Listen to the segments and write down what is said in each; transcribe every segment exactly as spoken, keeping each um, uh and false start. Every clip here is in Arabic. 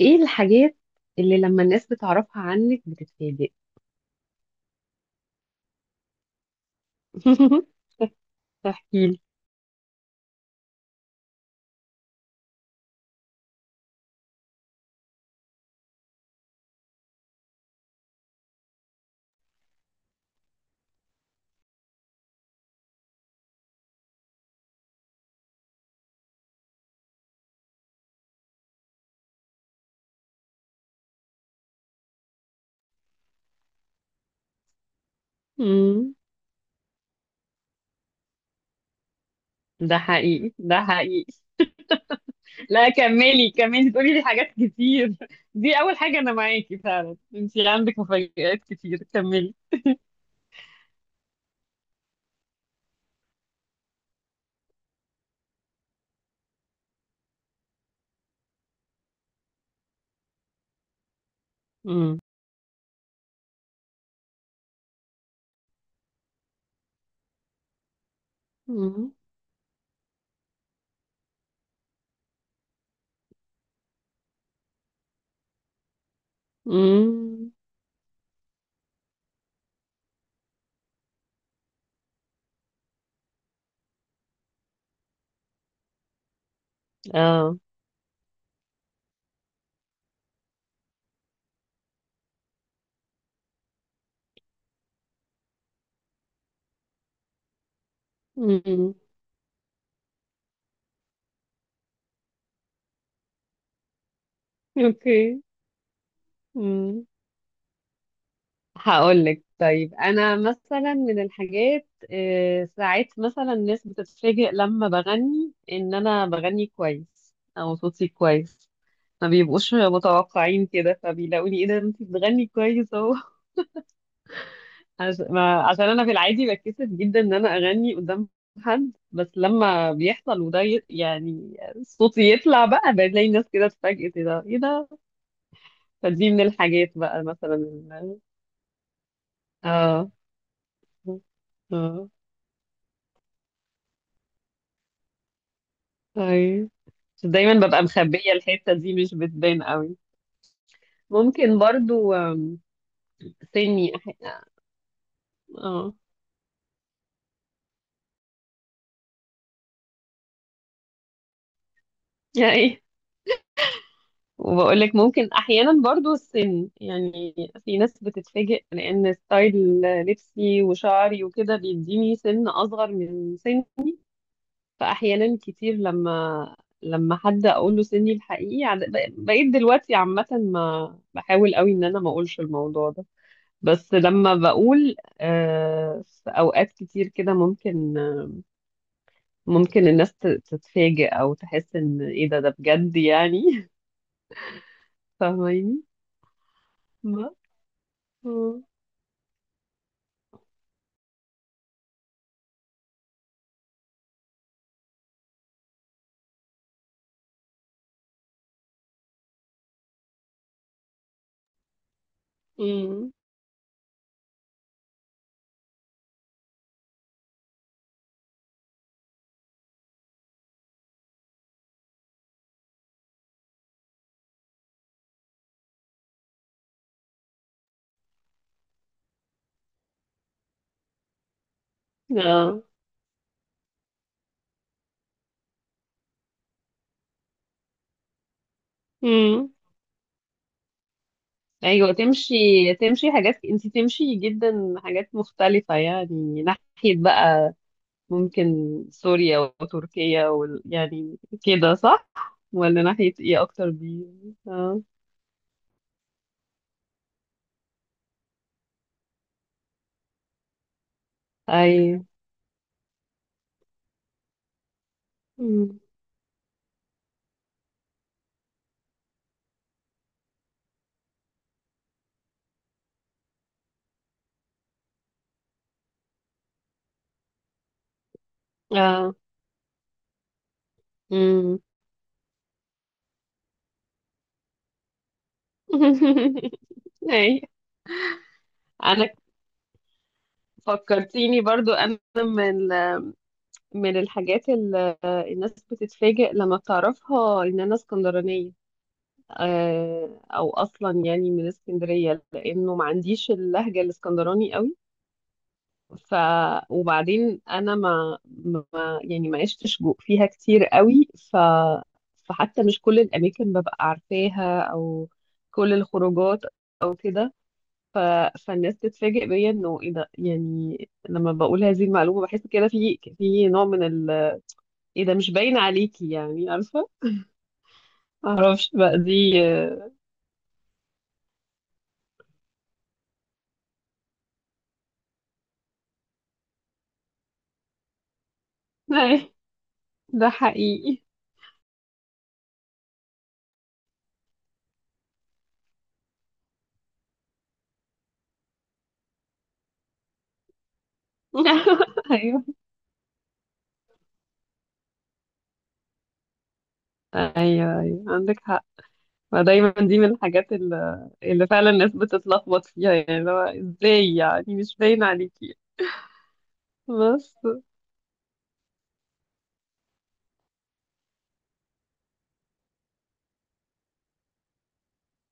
ايه الحاجات اللي لما الناس بتعرفها عنك بتتفاجئ؟ احكيلي. امم ده حقيقي ده حقيقي. لا، كملي كملي، تقولي لي حاجات كتير. دي اول حاجة، انا معاكي فعلا، انتي عندك مفاجآت كتير، كملي. امم. امم. امم. اه. امم. اوكي. امم. هقولك طيب، انا مثلا من الحاجات، آه، ساعات مثلا الناس بتتفاجئ لما بغني، ان انا بغني كويس او صوتي كويس. ما بيبقوش متوقعين كده، فبيلاقوني ايه ده، انت بتغني كويس اهو. عش- ما- عشان انا في العادي بتكسف جدا ان انا اغني قدام حد، بس لما بيحصل وده ي- يعني صوتي يطلع بقى، بلاقي الناس كده اتفاجئت، ايه ده ايه ده. فدي من الحاجات بقى، مثلا ال- اه اه اي، بس دايما ببقى مخبية الحتة دي، مش بتبان قوي. ممكن برضو، آم، سني أح... اه يعني. وبقول لك ممكن احيانا برضو السن يعني. في ناس بتتفاجئ، لان ستايل لبسي وشعري وكده بيديني سن اصغر من سن. فاحيانا كتير لما لما حد اقول له سني الحقيقي، عد- ب- بقيت دلوقتي عامة ما بحاول قوي ان انا ما اقولش الموضوع ده. بس لما بقول، آه، في اوقات كتير كده ممكن، آه، ممكن الناس ت- تتفاجئ او تحس ان ايه ده، ده بجد يعني. فاهماني؟ بس. مم. مم. اه. مم. ايوه تمشي. تمشي حاجات انت، تمشي جدا حاجات مختلفة يعني، ناحية بقى، ممكن سوريا وتركيا وال... يعني، كده صح؟ ولا ناحية ايه اكتر دي؟ اه. ايوه. مم. اه. مم. اي. انا فكرتيني برضو، انا من من الحاجات اللي الناس بتتفاجئ لما بتعرفها، ان انا اسكندرانيه. آه، او اصلا يعني من اسكندريه، لانه ما عنديش اللهجه الاسكندراني قوي. ف وبعدين انا ما, ما يعني ما عشتش جو- فيها كتير قوي. ف فحتى مش كل الاماكن ببقى عارفاها، او كل الخروجات، او كده. ف... فالناس تتفاجئ بيا، انه ايه ده، يعني لما بقول هذه المعلومه بحس كده، في في نوع من ال... ايه ده مش باين عليكي، يعني عارفة. معرفش بقى، دي آه، أي، ده حقيقي. ايوه ايوه ايوه، عندك حق. فدايما دي من الحاجات اللي, اللي فعلا الناس بتتلخبط فيها، يعني لو، ازاي يعني مش باين عليكي؟ بس.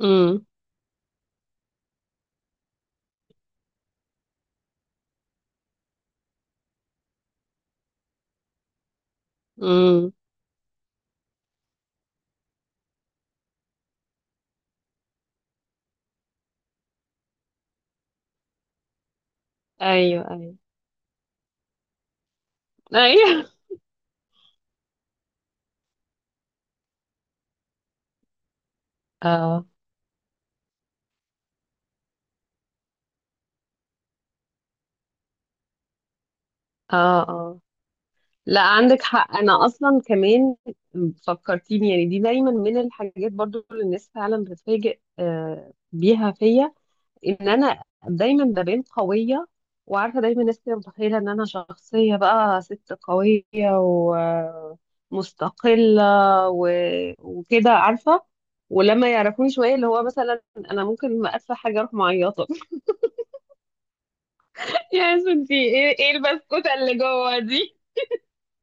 امم. امم. ايوه ايوه ايوه. اه اه اه. لا، عندك حق، انا اصلا كمان. فكرتيني، يعني دي دايما من الحاجات برضو اللي الناس فعلا بتتفاجئ آه، بيها فيا، ان انا دايما ببان قويه، وعارفه دايما الناس كده متخيله ان انا شخصيه بقى ست قويه، ومستقله و... وكده عارفه. ولما يعرفوني شويه، اللي هو مثلا انا ممكن ما ادفع حاجه اروح معيطه. يا ياسمين، في ايه، ايه البسكوته اللي جوه دي؟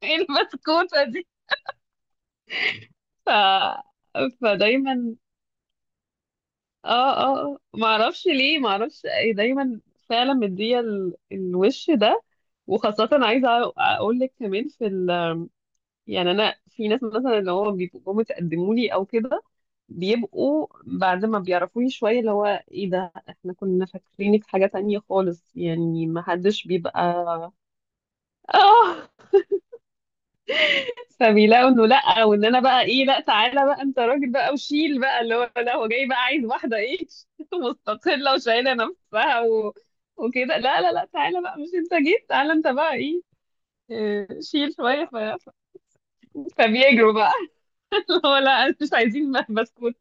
ايه البسكوته دي؟ ف... فدايما، اه اه آه. ما اعرفش ليه، ما اعرفش إيه، دايما فعلا مديه ال- الوش ده، وخاصه عايزه اقول لك كمان في ال... يعني انا في ناس مثلا، اللي هو بيبقوا جم تقدموا لي او كده، بيبقوا بعد ما بيعرفوني شويه، اللي هو ايه ده، احنا كنا فاكرينك حاجه تانية خالص، يعني ما حدش بيبقى. اه. فبيلاقوا انه لا، وان انا بقى ايه، لا تعالى بقى انت راجل بقى، وشيل بقى، اللي هو لا، هو جاي بقى عايز واحده ايه، مستقله وشايله نفسها و... وكده. لا لا لا، تعالى بقى، مش انت جيت، تعالى انت بقى ايه، آه، شيل شويه. ف... ف- فبيجروا بقى. اللي هو لا، مش عايزين بسكوت.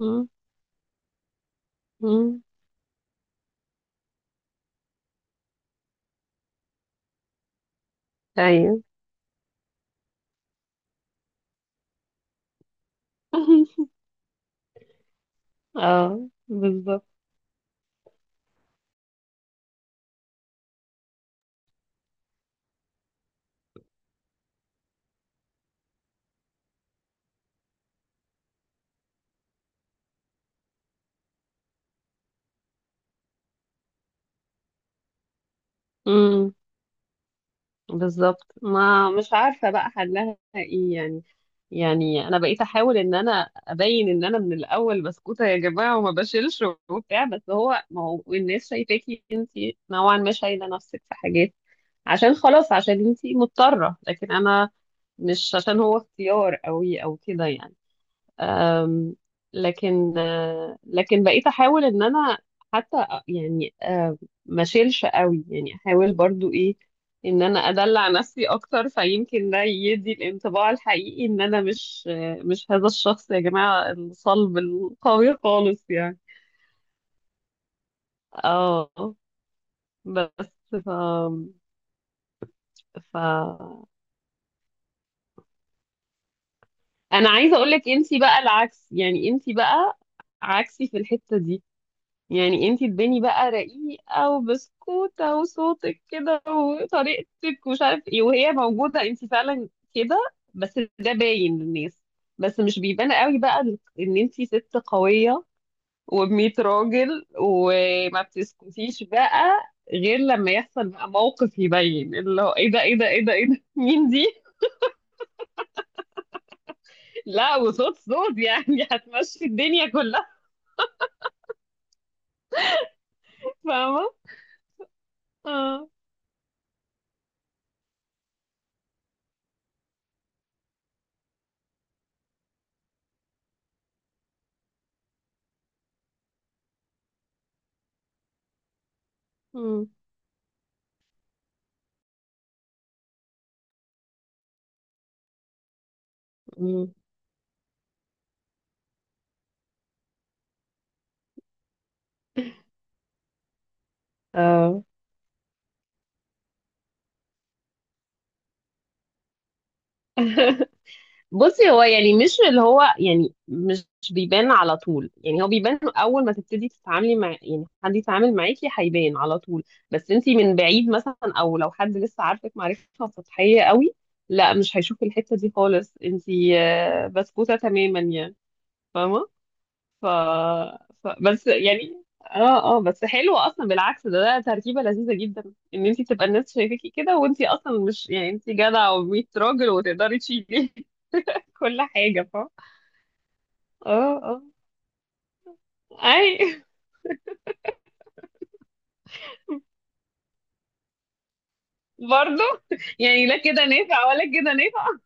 م- م. ايوه. اه بالظبط. بالظبط، ما مش عارفة بقى حلها ايه يعني. يعني انا بقيت احاول ان انا ابين ان انا من الاول بسكوتة يا جماعة، وما بشيلش وبتاع، بس هو ما هو الناس شايفاكي انت نوعا ما شايلة نفسك في حاجات، عشان خلاص، عشان انت مضطرة، لكن انا مش عشان هو اختيار قوي او كده يعني. أم، لكن آه، لكن بقيت احاول ان انا حتى، آه، يعني آه، ما اشيلش قوي يعني، احاول برضو ايه، ان انا ادلع نفسي اكتر، فيمكن ده يدي الانطباع الحقيقي ان انا مش آه، مش هذا الشخص يا جماعة الصلب القوي خالص يعني. اه بس. ف ف انا عايزه اقول لك انتي بقى العكس، يعني انتي بقى عكسي في الحتة دي، يعني انتي اداني بقى رقيقة وبسكوتة، وصوتك كده وطريقتك ومش عارف ايه، وهي موجودة انتي فعلا كده، بس ده باين للناس، بس مش بيبان قوي بقى ال- ان انتي ست قوية وبمية راجل، وما بتسكتيش بقى، غير لما يحصل بقى موقف يبين اللي هو، ايه ده ايه ده ايه ده ايه ده، مين دي؟ لا وصوت، صوت يعني، هتمشي الدنيا كلها. فاهمة؟ اه. مم. مم. اه. بصي، هو يعني مش اللي هو يعني، مش بيبان على طول، يعني هو بيبان اول ما تبتدي تتعاملي مع، يعني حد يتعامل معاكي هيبان على طول، بس انتي من بعيد مثلا، او لو حد لسه عارفك معرفة سطحية قوي، لا مش هيشوف الحتة دي خالص، انتي آه، بسكوتة تماما يعني، فاهمة؟ ف... ف بس يعني، اه اه، بس حلو اصلا بالعكس، ده, ده تركيبة لذيذة جدا ان انتي تبقى الناس شايفاكي كده، وانتي اصلا مش، يعني انتي جدعة و100 راجل وتقدري تشيلي كل حاجة، فاهمة؟ اه اه اي، برضو يعني لا كده نافع ولا كده نافع.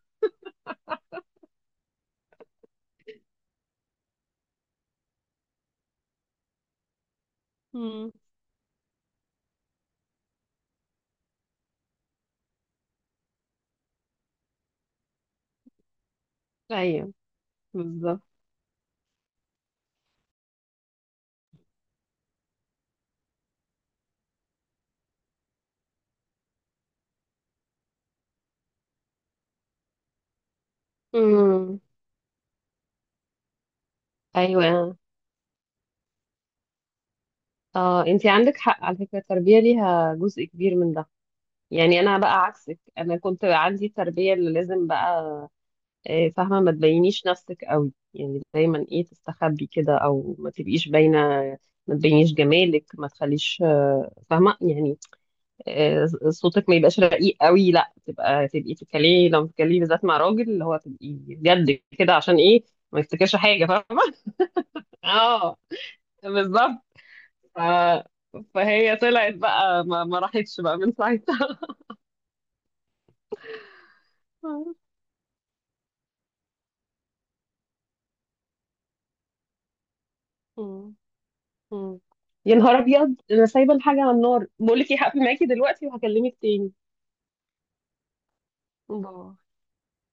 مم. ايوه بالظبط. امم. ايوه. اه انتي عندك حق على فكره، التربيه ليها جزء كبير من ده. يعني انا بقى عكسك، انا كنت عندي التربيه اللي لازم بقى، آه، فاهمه، ما تبينيش نفسك قوي يعني، دايما ايه، تستخبي كده، او ما تبقيش باينه، ما تبينيش جمالك، ما تخليش آه، فاهمه يعني، آه، صوتك ما يبقاش رقيق قوي، لا تبقى تبقي تتكلمي، لو بتتكلمي بالذات مع راجل، اللي هو تبقي جد كده، عشان ايه، ما يفتكرش حاجه، فاهمه؟ اه بالظبط. ف... فهي طلعت بقى ما, ما راحتش بقى من ساعتها. مم. مم. يا نهار ابيض، انا سايبه الحاجه على النار، بقول لك ايه، هقفل معاكي دلوقتي وهكلمك تاني. باي.